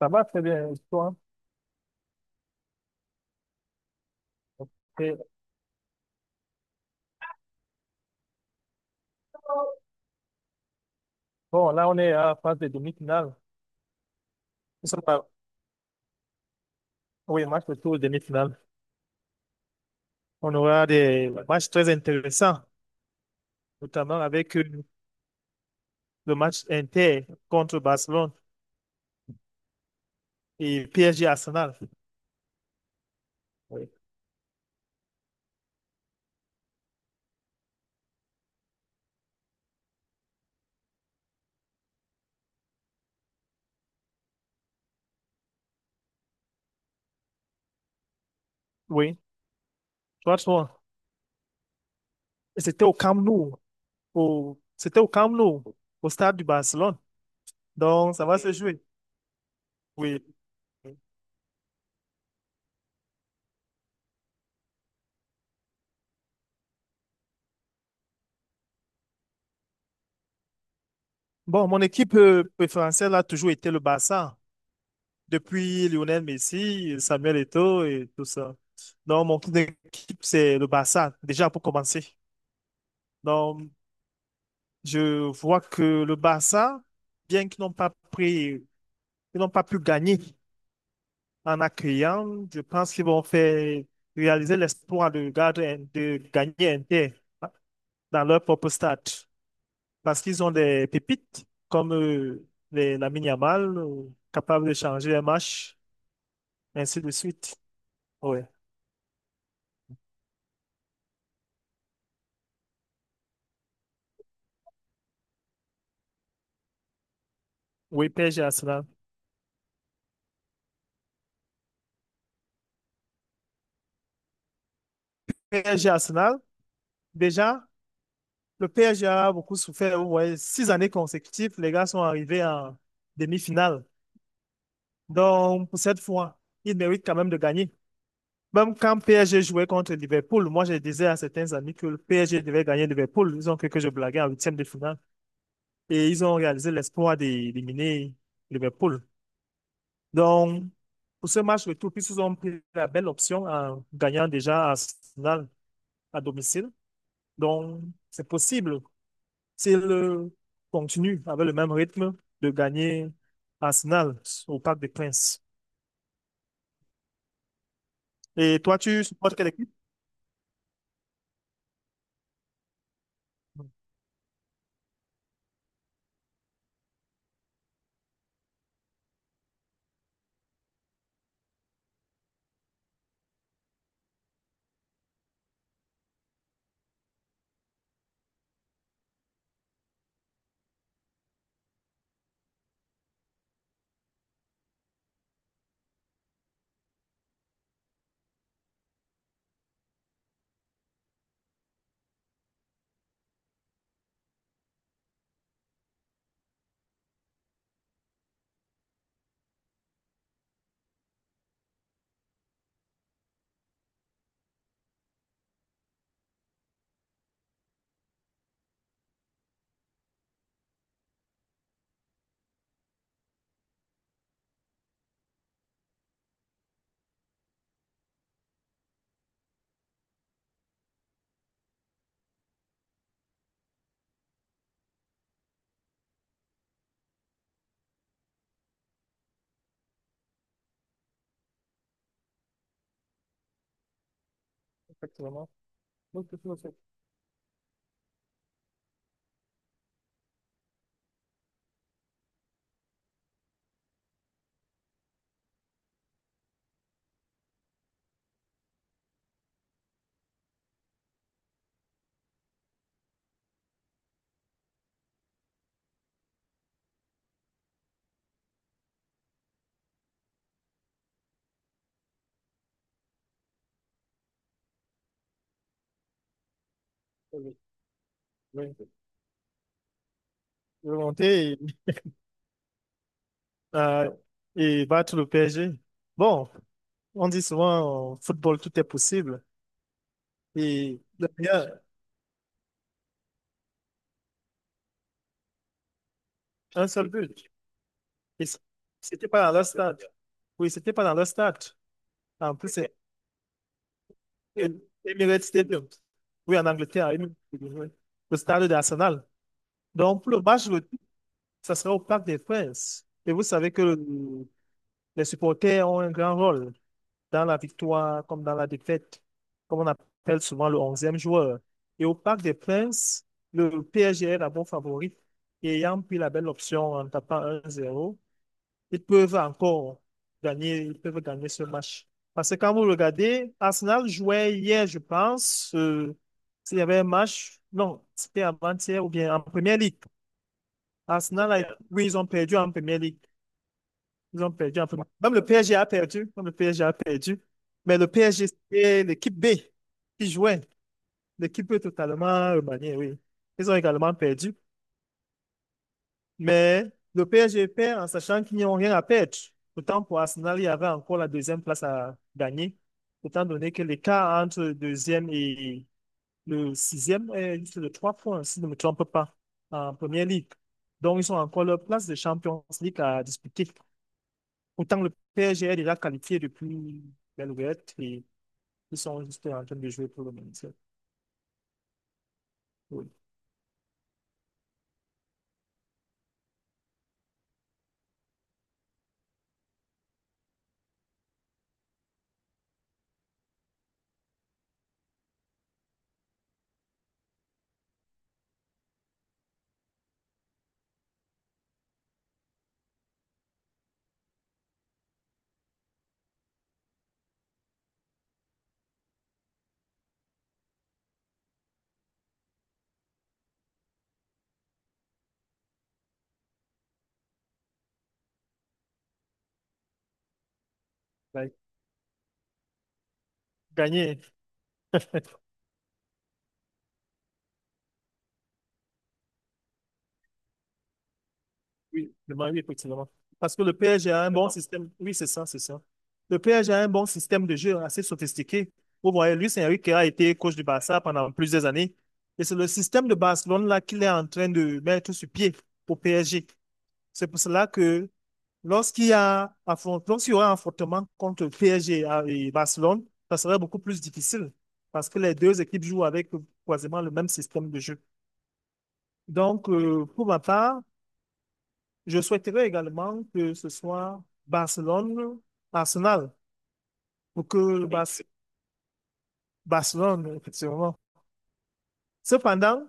Ça va très bien, et toi? Ok. Bon, là, on est à la phase de demi-finale. Nous sommes à- Oui, match de tour demi-finale. On aura des matchs très intéressants, notamment avec le match Inter contre Barcelone et PSG Arsenal. Oui. Oui, 3-3. Et c'était au Camp Nou, c'était au Camp Nou, au stade du Barcelone. Donc, ça va se jouer. Oui. Bon, mon équipe préférentielle a toujours été le Barça. Depuis Lionel Messi, Samuel Eto'o et tout ça. Donc, mon club d'équipe, c'est le Barça, déjà pour commencer. Donc, je vois que le Barça, bien qu'ils n'ont pas pris, ils n'ont pas pu gagner en accueillant, je pense qu'ils vont faire réaliser l'espoir de, de gagner Inter dans leur propre stade. Parce qu'ils ont des pépites comme Lamine Yamal, capable de changer un match, ainsi de suite. Ouais. Oui, PSG Arsenal. PSG Arsenal, déjà, le PSG a beaucoup souffert. Vous voyez, 6 années consécutives, les gars sont arrivés en demi-finale. Donc, pour cette fois, ils méritent quand même de gagner. Même quand PSG jouait contre Liverpool, moi, je disais à certains amis que le PSG devait gagner Liverpool. Ils ont cru que je blaguais en huitième de finale. Et ils ont réalisé l'espoir d'éliminer Liverpool. Donc, pour ce match retour, ils ont pris la belle option en gagnant déjà Arsenal à domicile. Donc, c'est possible s'il continue avec le même rythme de gagner Arsenal au Parc des Princes. Et toi, tu supportes quelle équipe? Effectivement. Donc, tu peux faire- oui, oui. Remonter euh, et battre le PSG. Bon, on dit souvent en football, tout est possible. Et derrière, un seul but. Et c'était pas dans leur stade. Oui, c'était pas dans leur stade. En plus, c'est Emirates Stadium. Oui, en Angleterre. Emirates Stadium, oui. Le stade d'Arsenal. Donc, pour le match retour, ça sera au Parc des Princes. Et vous savez que le- Les supporters ont un grand rôle dans la victoire comme dans la défaite, comme on appelle souvent le onzième joueur. Et au Parc des Princes, le PSG est d'abord favori. Et ayant pris la belle option en tapant 1-0, ils peuvent encore gagner, ils peuvent gagner ce match. Parce que quand vous regardez, Arsenal jouait hier, je pense, s'il y avait un match, non, c'était avant-hier ou bien en première ligue. Arsenal, oui, ils ont perdu en Premier League. Ils ont perdu en Premier. Même le PSG a perdu. Même le PSG a perdu. Mais le PSG, c'était l'équipe B qui jouait. L'équipe totalement remaniée, oui. Ils ont également perdu. Mais le PSG perd en sachant qu'ils n'ont rien à perdre. Pourtant, pour Arsenal, il y avait encore la deuxième place à gagner. Étant donné que l'écart entre le deuxième et le sixième est juste de 3 points, si je ne me trompe pas, en Premier League. Donc, ils ont encore leur place de Champions League à disputer. Pourtant, le PSG est déjà qualifié depuis Belgrade et ils sont juste en train de jouer pour le maintien. Oui. Ouais. Gagner. Oui, le Man U, effectivement. Parce que le PSG a un bon système. Oui, c'est ça, c'est ça. Le PSG a un bon système de jeu assez sophistiqué. Vous voyez, Luis Enrique a été coach du Barça pendant plusieurs années. Et c'est le système de Barcelone là qu'il est en train de mettre sur pied au PSG. C'est pour cela que lorsqu'il y aura un affrontement contre le PSG et Barcelone, ça serait beaucoup plus difficile parce que les deux équipes jouent avec quasiment le même système de jeu. Donc, pour ma part, je souhaiterais également que ce soit Barcelone-Arsenal pour que Barcelone, effectivement. Cependant,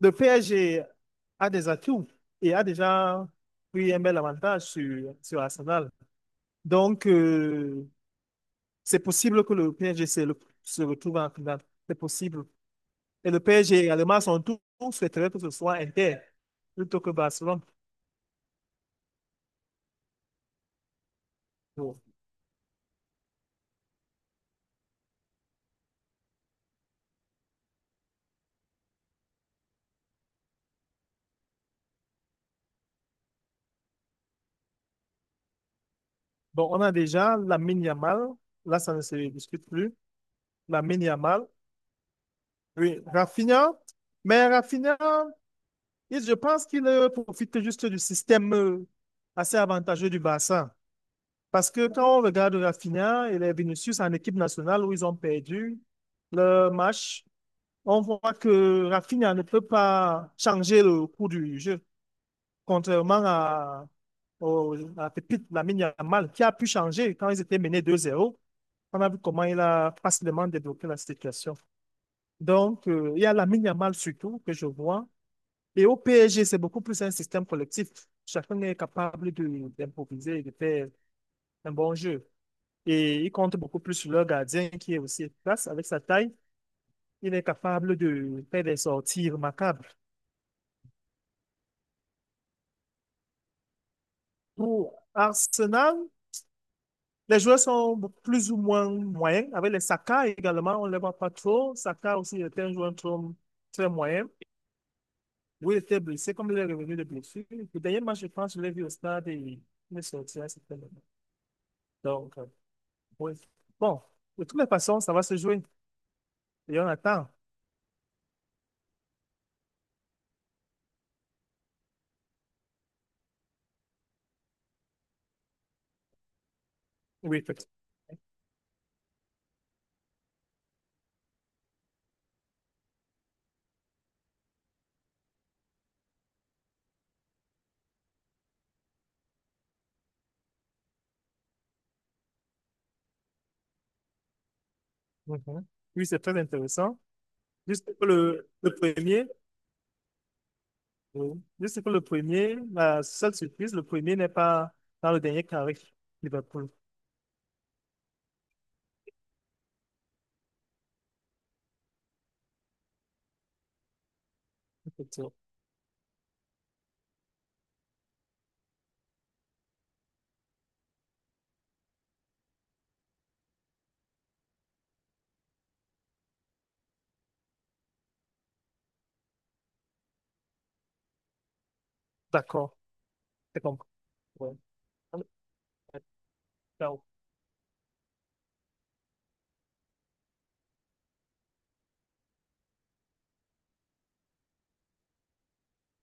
le PSG a des atouts et a déjà pris un bel avantage sur Arsenal. Donc, c'est possible que le PSG se retrouve en finale. C'est possible. Et le PSG également, à son tour, souhaiterait que ce soit Inter plutôt que Barcelone. Bon, Bon, on a déjà la Yamal. Là, ça ne se discute plus. La Yamal. Oui, Rafinha. Mais Rafinha, je pense qu'il profite juste du système assez avantageux du Barça. Parce que quand on regarde Rafinha et les Vinicius en équipe nationale où ils ont perdu le match, on voit que Rafinha ne peut pas changer le cours du jeu, contrairement à Pépite Lamine Yamal, qui a pu changer quand ils étaient menés 2-0. On a vu comment il a facilement débloqué la situation. Donc, il y a Lamine Yamal surtout que je vois. Et au PSG, c'est beaucoup plus un système collectif. Chacun est capable d'improviser et de faire un bon jeu. Et ils comptent beaucoup plus sur leur gardien qui est aussi efficace avec sa taille. Il est capable de faire des sorties remarquables. Pour Arsenal, les joueurs sont plus ou moins moyens. Avec les Saka également, on ne les voit pas trop. Saka aussi était un joueur très moyen. Oui, il était blessé, comme il est revenu de blessure. Le dernier match, je pense, je l'ai vu au stade et il est sorti à un certain moment. Donc, oui. Bon, de toutes les façons, ça va se jouer et on attend. Oui, effectivement. Mhm. Oui, c'est très intéressant. Juste pour le premier, oui. Juste pour le premier, la seule surprise, le premier n'est pas dans le dernier carré. Liverpool. Effectivement. D'accord. C'est compris. Ouais. So